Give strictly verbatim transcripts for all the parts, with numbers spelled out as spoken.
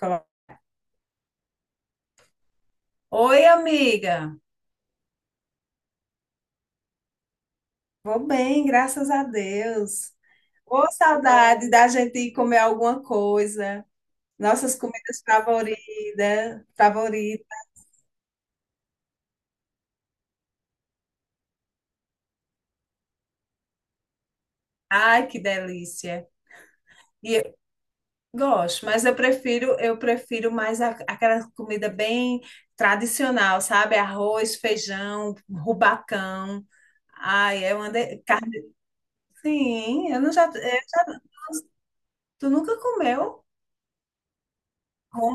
Coloca- Oi, amiga. Vou bem, graças a Deus. Ô, saudade da gente ir comer alguma coisa. Nossas comidas favoritas, favoritas. Ai, que delícia. E eu gosto, mas eu prefiro, eu prefiro mais a- aquela comida bem tradicional, sabe? Arroz, feijão, rubacão. Ai, é uma de... carne. Sim, eu não já, eu já- tu nunca comeu?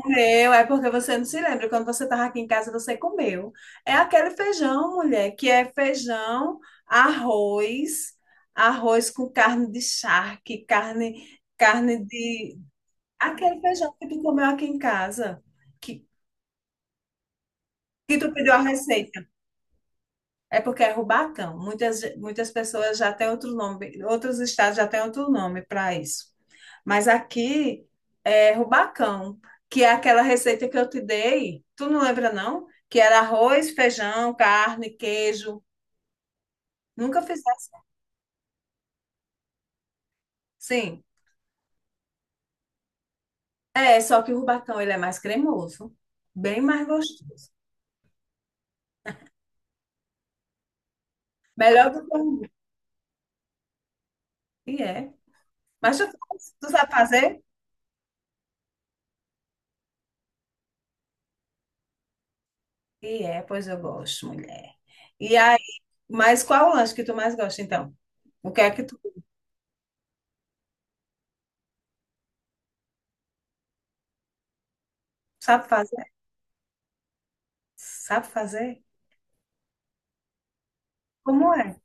Meu, é porque você não se lembra. Quando você estava aqui em casa, você comeu. É aquele feijão, mulher, que é feijão, arroz, arroz com carne de charque, carne, carne de. Aquele feijão que tu comeu aqui em casa, que, que tu pediu a receita. É porque é Rubatão. Muitas, muitas pessoas já têm outro nome, outros estados já têm outro nome para isso. Mas aqui é Rubacão, que é aquela receita que eu te dei. Tu não lembra, não? Que era arroz, feijão, carne, queijo. Nunca fizesse assim. É, só que o Rubacão ele é mais cremoso, bem mais gostoso. Melhor do que o. Rubi. E é. Mas tu, faz, tu sabe fazer? E é, pois eu gosto, mulher. E Mas qual o lanche que tu mais gosta, então? O que é que tu sabe fazer? Sabe fazer? Como é?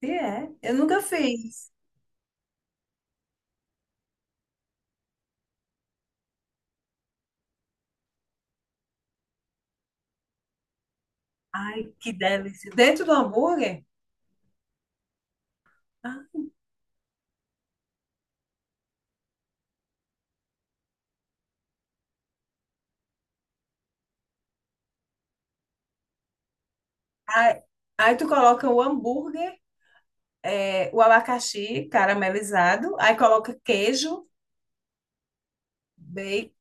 Se é? Eu nunca fiz. Ai, que delícia. Dentro do hambúrguer? Ah, Aí, aí tu coloca o hambúrguer, é, o abacaxi caramelizado, aí coloca queijo, bacon.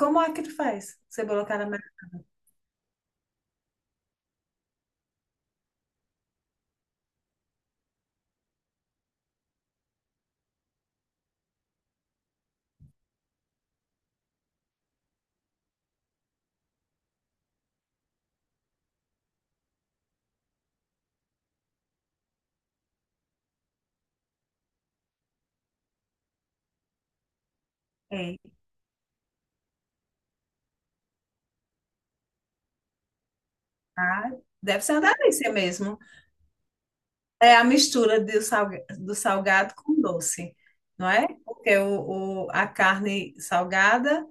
Como é que tu faz? Cebola caramelizada. É, ah, deve ser uma delícia mesmo. É a mistura do, salga- do salgado com doce, não é? Porque o, o- a carne salgada.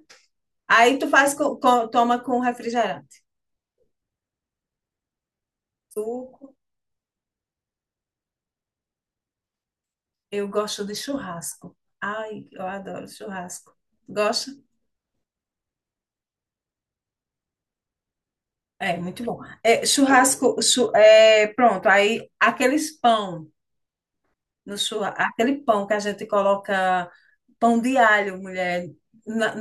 Aí tu faz com, com- toma com refrigerante. Suco. Eu gosto de churrasco. Ai, eu adoro churrasco. Gosta? É, muito bom. É, churrasco, chu- é, pronto. Aí aqueles pão no churrasco, aquele pão que a gente coloca pão de alho, mulher, na,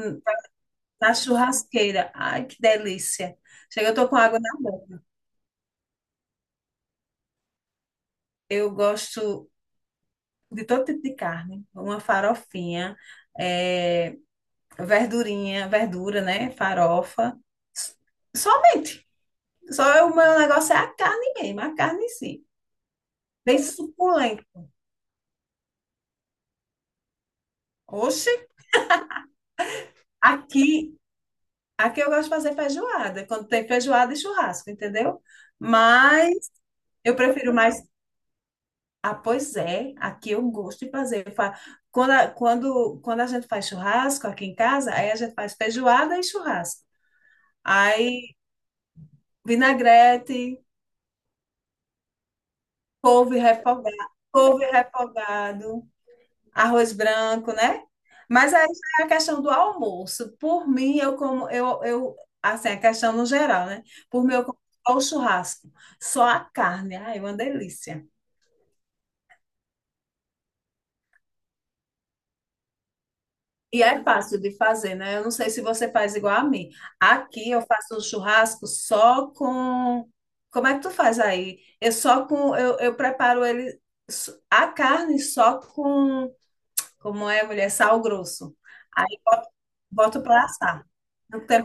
na churrasqueira. Ai, que delícia. Chega, eu tô com água na boca. Eu gosto de todo tipo de carne. Uma farofinha. é, verdurinha, verdura, né? Farofa. Somente. Só o meu negócio é a carne mesmo, a carne em si. Bem suculenta. Oxe, aqui, aqui eu gosto de fazer feijoada, quando tem feijoada e churrasco, entendeu? Mas eu prefiro mais. Ah, pois é, aqui eu gosto de fazer. Eu fa- Quando a, quando, quando a gente faz churrasco aqui em casa, aí a gente faz feijoada e churrasco. Aí vinagrete, couve refogado, couve refogado. Arroz branco, né? Mas aí já é a questão do almoço. Por mim, eu como, eu, eu, assim, a questão no geral, né? Por mim, eu como só o churrasco, só a carne. Ai, é uma delícia. E é fácil de fazer, né? Eu não sei se você faz igual a mim. Aqui eu faço o churrasco só com. Como é que tu faz aí? Eu só com. Eu, eu preparo ele. s- A carne só com. Como é, mulher? Sal grosso. Aí boto, boto para assar. Não tem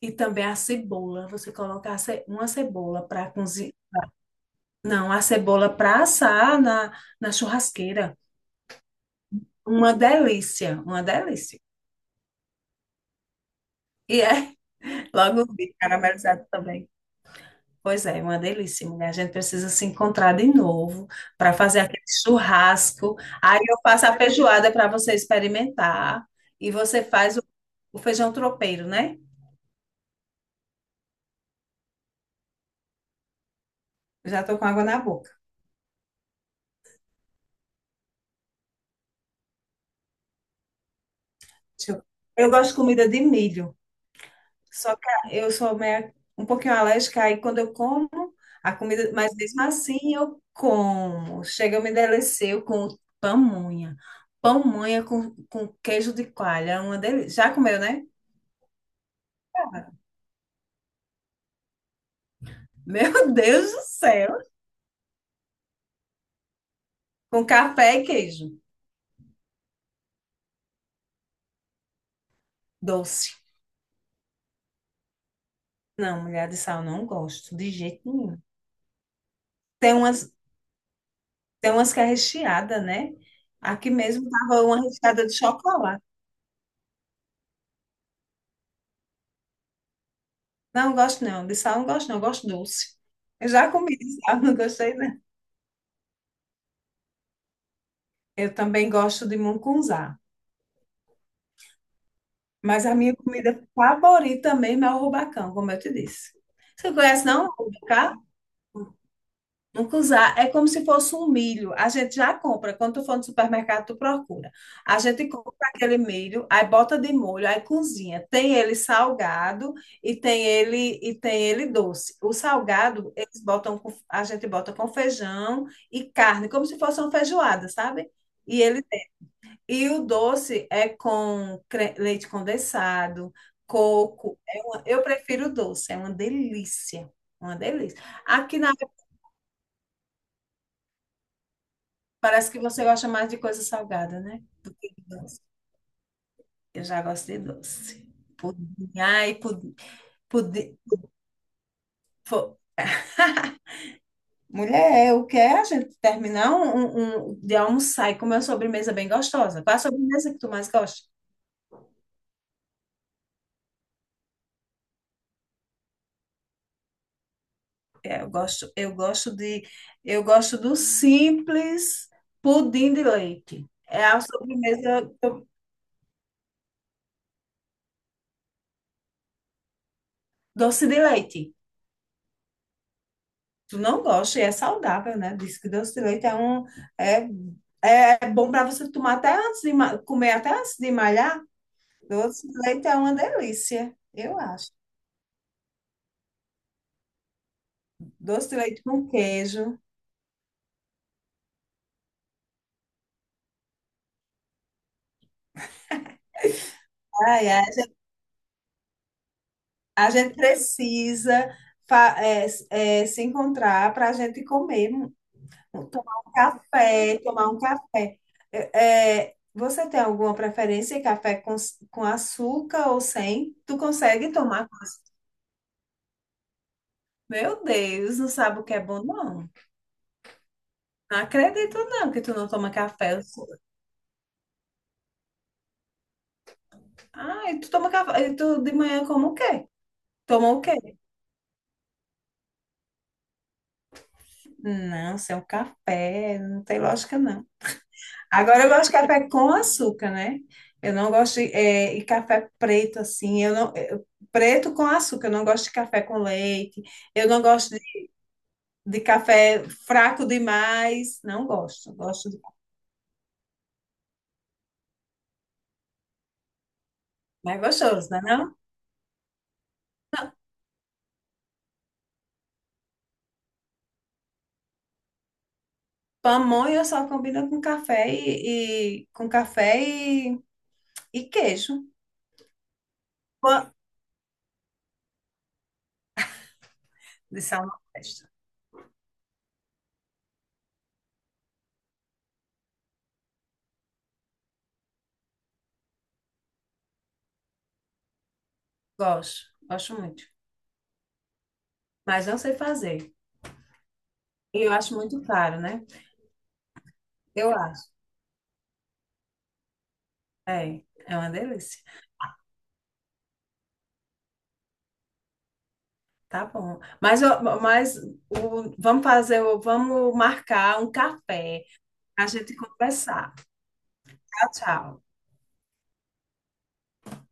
E também a cebola. Você coloca a ce- uma cebola para cozinhar. Não, a cebola para assar na, na churrasqueira. Uma delícia, uma delícia. E é logo vi caramelizado também. Pois é, uma delícia, mulher. A gente precisa se encontrar de novo para fazer aquele churrasco. Aí eu faço a feijoada para você experimentar. E você faz o, o feijão tropeiro, né? Já estou com água na boca. Deixa Eu eu gosto de comida de milho. Só que eu sou meio, um pouquinho alérgica, aí quando eu como a comida, mas mesmo assim eu como. Chega, eu me deleceu com pamonha. Pamonha com, com queijo de coalha, é uma delícia. Já comeu, né? Meu Deus do céu! Com café e queijo. Doce. Não, mulher, de sal, não gosto, de jeito nenhum. Tem umas, tem umas que é recheada, né? Aqui mesmo tava uma recheada de chocolate. Não, gosto não, de sal não gosto não, gosto doce. Eu já comi de sal, não gostei, né? Eu também gosto de mungunzá, mas a minha comida favorita mesmo é o rubacão, como eu te disse. Você conhece, não? O Rubacá? Mungunzá é como se fosse um milho. A gente já compra. Quando tu for no supermercado, tu procura. A gente compra aquele milho, aí bota de molho, aí cozinha. Tem ele salgado e tem ele e tem ele doce. O salgado, eles botam com- a gente bota com feijão e carne, como se fosse uma feijoada, sabe? E ele E o doce é com cre- leite condensado, coco. É uma- eu prefiro doce, é uma delícia. Uma delícia. Aqui na parece que você gosta mais de coisa salgada, né? Que de doce. Eu já gosto de doce. Pudim, ai, pudim, pudim. Pô. Mulher, eu quero a gente terminar um, um- um- de almoçar e comer uma sobremesa bem gostosa. Qual a sobremesa que tu mais gosta? É, Eu gosto, eu gosto de, eu gosto do simples pudim de leite. É a sobremesa doce de leite. Tu não gosta e é saudável, né? Diz que doce de leite é um é, é bom para você tomar até antes de ma- comer até antes de malhar. Doce de leite é uma delícia, eu acho. Doce de leite com queijo. Ai, ai. A gente precisa fa- é, é, se encontrar para a gente comer. Tomar um café, tomar um café. É, é, você tem alguma preferência em café com, com açúcar ou sem? Tu consegue tomar? Meu Deus, não sabe o que é bom, não. Não acredito, não, que tu não toma café. Eu sou- Ah, e tu toma café. E tu de manhã como o quê? Toma o quê? Não, sem o café, não tem lógica, não. Agora eu gosto de café com açúcar, né? Eu não gosto de, é, e café preto assim. Eu não eu- preto com açúcar. Eu não gosto de café com leite. Eu não gosto de, de café fraco demais. Não gosto. Gosto de mais gostoso, né? Não? Pamonha só combina com café e, e- com café e, e queijo. Pã- De sal na festa. Gosto. Gosto muito. Mas não sei fazer. E eu acho muito caro, né? Eu acho. É, é uma delícia. Tá bom. Mas, ó, mas o, vamos fazer, o- vamos marcar um café para a gente conversar. Tchau, tchau.